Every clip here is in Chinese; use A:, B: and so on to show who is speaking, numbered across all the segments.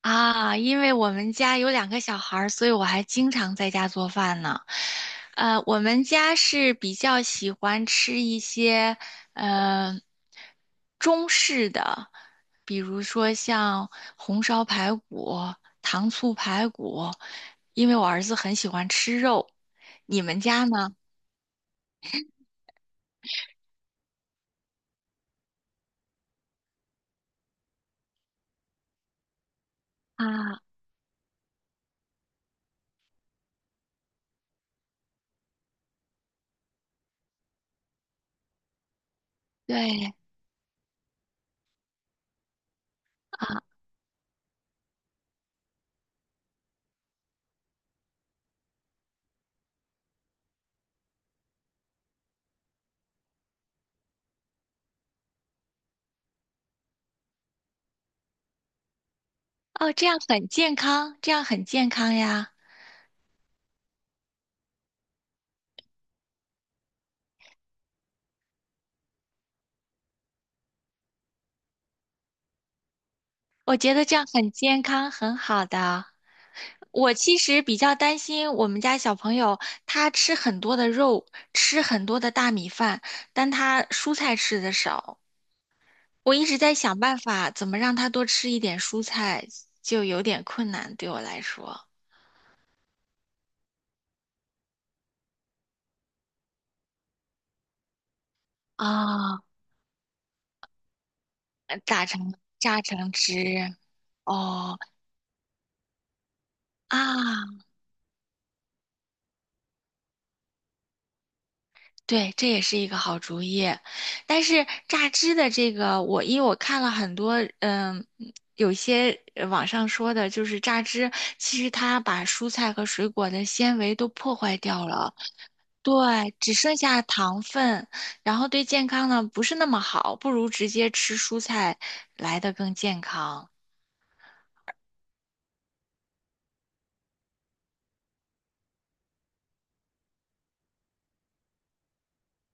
A: 啊，因为我们家有两个小孩儿，所以我还经常在家做饭呢。我们家是比较喜欢吃一些呃中式的，比如说像红烧排骨、糖醋排骨，因为我儿子很喜欢吃肉。你们家呢？啊，对啊，哦，这样很健康，这样很健康呀。我觉得这样很健康，很好的。我其实比较担心我们家小朋友，他吃很多的肉，吃很多的大米饭，但他蔬菜吃的少。我一直在想办法怎么让他多吃一点蔬菜，就有点困难对我来说。啊，呃榨成榨成汁，哦啊，对，这也是一个好主意，但是榨汁的这个，我因为我看了很多，嗯，有一些网上说的，就是榨汁，其实它把蔬菜和水果的纤维都破坏掉了，对，只剩下糖分，然后对健康呢不是那么好，不如直接吃蔬菜来的更健康。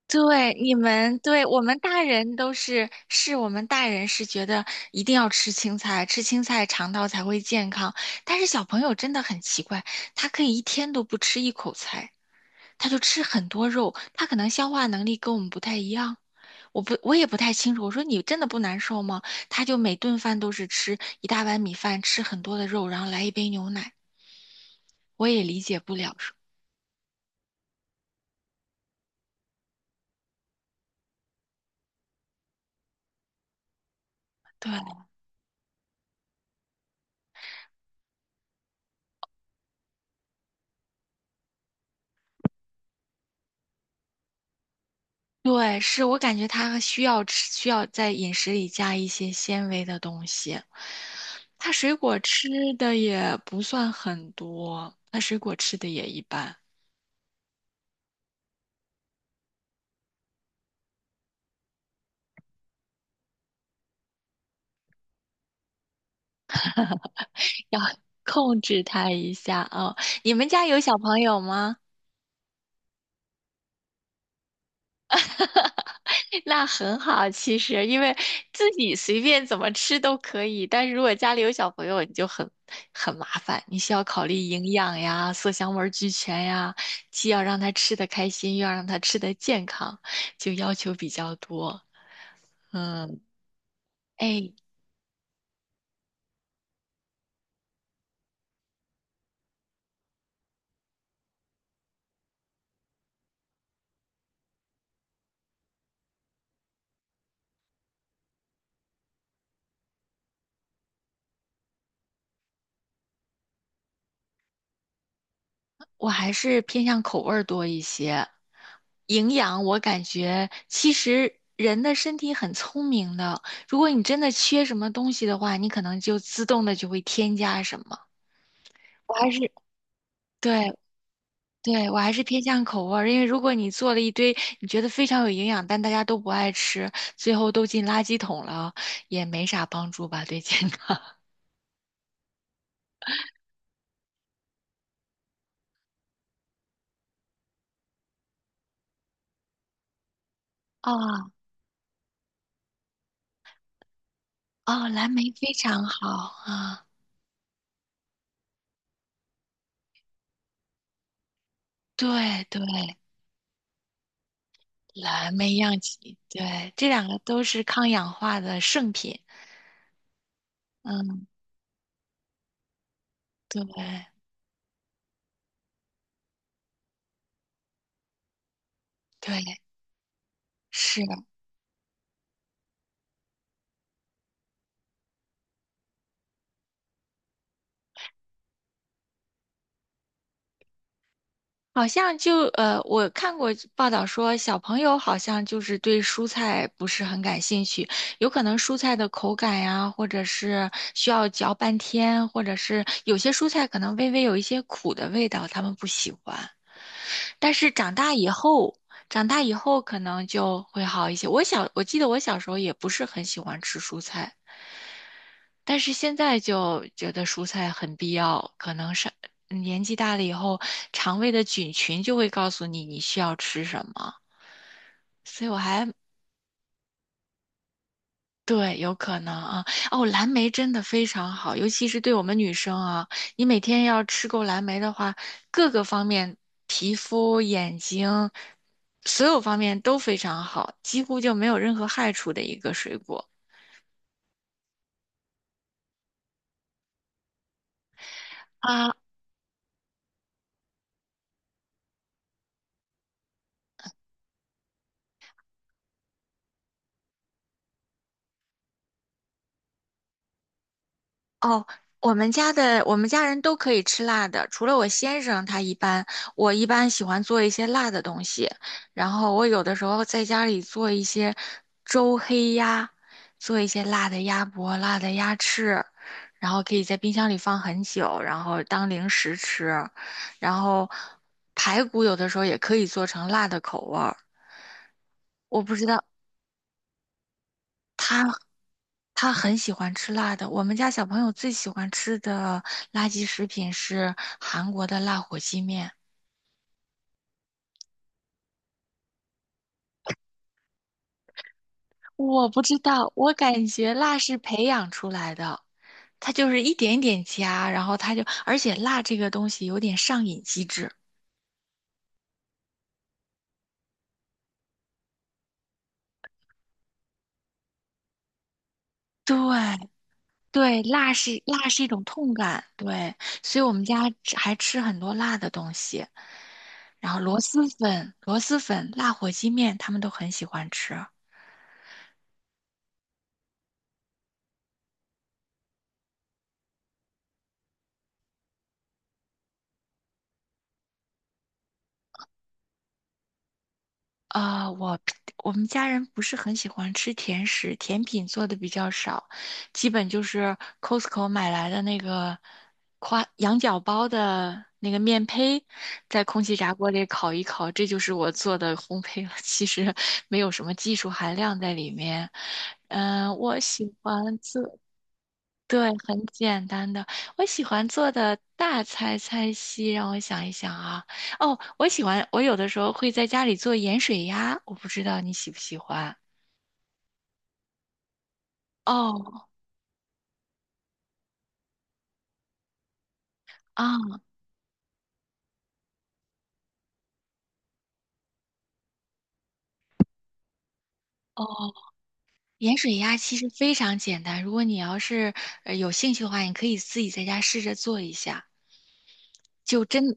A: 对，你们，对，我们大人是觉得一定要吃青菜，吃青菜肠道才会健康。但是小朋友真的很奇怪，他可以一天都不吃一口菜，他就吃很多肉，他可能消化能力跟我们不太一样。我也不太清楚。我说你真的不难受吗？他就每顿饭都是吃一大碗米饭，吃很多的肉，然后来一杯牛奶。我也理解不了，说对。对，是我感觉他需要吃，需要在饮食里加一些纤维的东西。他水果吃的也不算很多，他水果吃的也一般，要控制他一下啊，哦你们家有小朋友吗？那很好，其实因为自己随便怎么吃都可以，但是如果家里有小朋友，你就很麻烦，你需要考虑营养呀、色香味俱全呀，既要让他吃得开心，又要让他吃得健康，就要求比较多。嗯，哎，我还是偏向口味儿多一些。营养，我感觉其实人的身体很聪明的，如果你真的缺什么东西的话，你可能就自动的就会添加什么。我还是。对对，我还是偏向口味儿，因为如果你做了一堆你觉得非常有营养，但大家都不爱吃，最后都进垃圾桶了啊，也没啥帮助吧，对健康。哦哦，蓝莓非常好啊，对对，蓝莓漾起，对，这两个都是抗氧化的圣品。嗯，对对，是。好像我看过报道说，小朋友好像就是对蔬菜不是很感兴趣，有可能蔬菜的口感呀，或者是需要嚼半天，或者是有些蔬菜可能微微有一些苦的味道，他们不喜欢。但是长大以后，长大以后可能就会好一些。我记得我小时候也不是很喜欢吃蔬菜。但是现在就觉得蔬菜很必要，可能是年纪大了以后，肠胃的菌群就会告诉你你需要吃什么，所以我还对，有可能啊。哦，蓝莓真的非常好，尤其是对我们女生啊，你每天要吃够蓝莓的话，各个方面，皮肤、眼睛，所有方面都非常好，几乎就没有任何害处的一个水果。啊。我们家人都可以吃辣的，除了我先生，他一般我一般喜欢做一些辣的东西，然后我有的时候在家里做一些周黑鸭，做一些辣的鸭脖、辣的鸭翅，然后可以在冰箱里放很久，然后当零食吃，然后排骨有的时候也可以做成辣的口味儿，我不知道他他很喜欢吃辣的。我们家小朋友最喜欢吃的垃圾食品是韩国的辣火鸡面。我不知道，我感觉辣是培养出来的，它就是一点一点加，然后它就，而且辣这个东西有点上瘾机制。对对，辣是一种痛感，对，所以我们家吃还吃很多辣的东西，然后螺蛳粉、辣火鸡面，他们都很喜欢吃。啊、我 我们家人不是很喜欢吃甜食，甜品做的比较少，基本就是 Costco 买来的那个夸羊角包的那个面胚，在空气炸锅里烤一烤，这就是我做的烘焙了。其实没有什么技术含量在里面。嗯、我喜欢做。对，很简单的。我喜欢做的大菜菜系，让我想一想啊。哦，我喜欢，我有的时候会在家里做盐水鸭，我不知道你喜不喜欢。哦，啊，哦，盐水鸭其实非常简单。如果你要是有兴趣的话，你可以自己在家试着做一下。就真，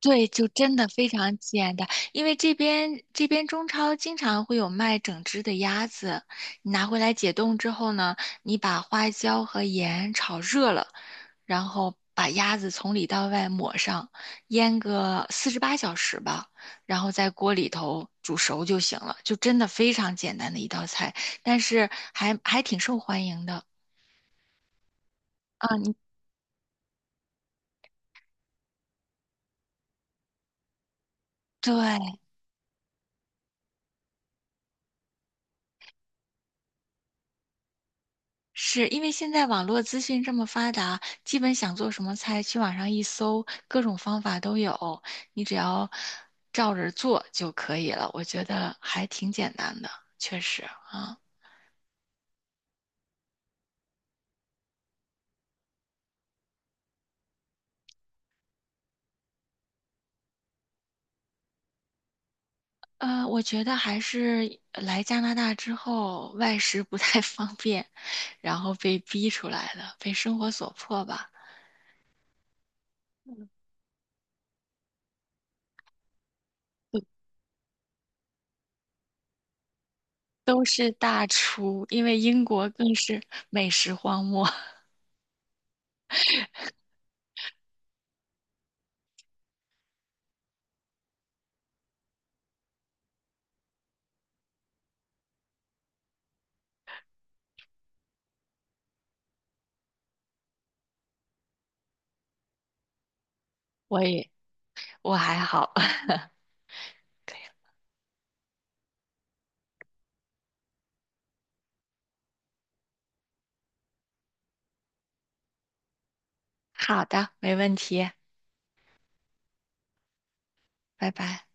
A: 对，就真的非常简单。因为这边中超经常会有卖整只的鸭子，你拿回来解冻之后呢，你把花椒和盐炒热了，然后把鸭子从里到外抹上，腌个四十八小时吧，然后在锅里头煮熟就行了，就真的非常简单的一道菜，但是还挺受欢迎的啊，你对。是因为现在网络资讯这么发达，基本想做什么菜，去网上一搜，各种方法都有，你只要照着做就可以了。我觉得还挺简单的，确实啊。呃，我觉得还是来加拿大之后，外食不太 方便，然后被逼出来的，被生活所迫吧。都是大厨，因为英国更是美食荒漠。我也，我还好。好的，没问题。拜拜。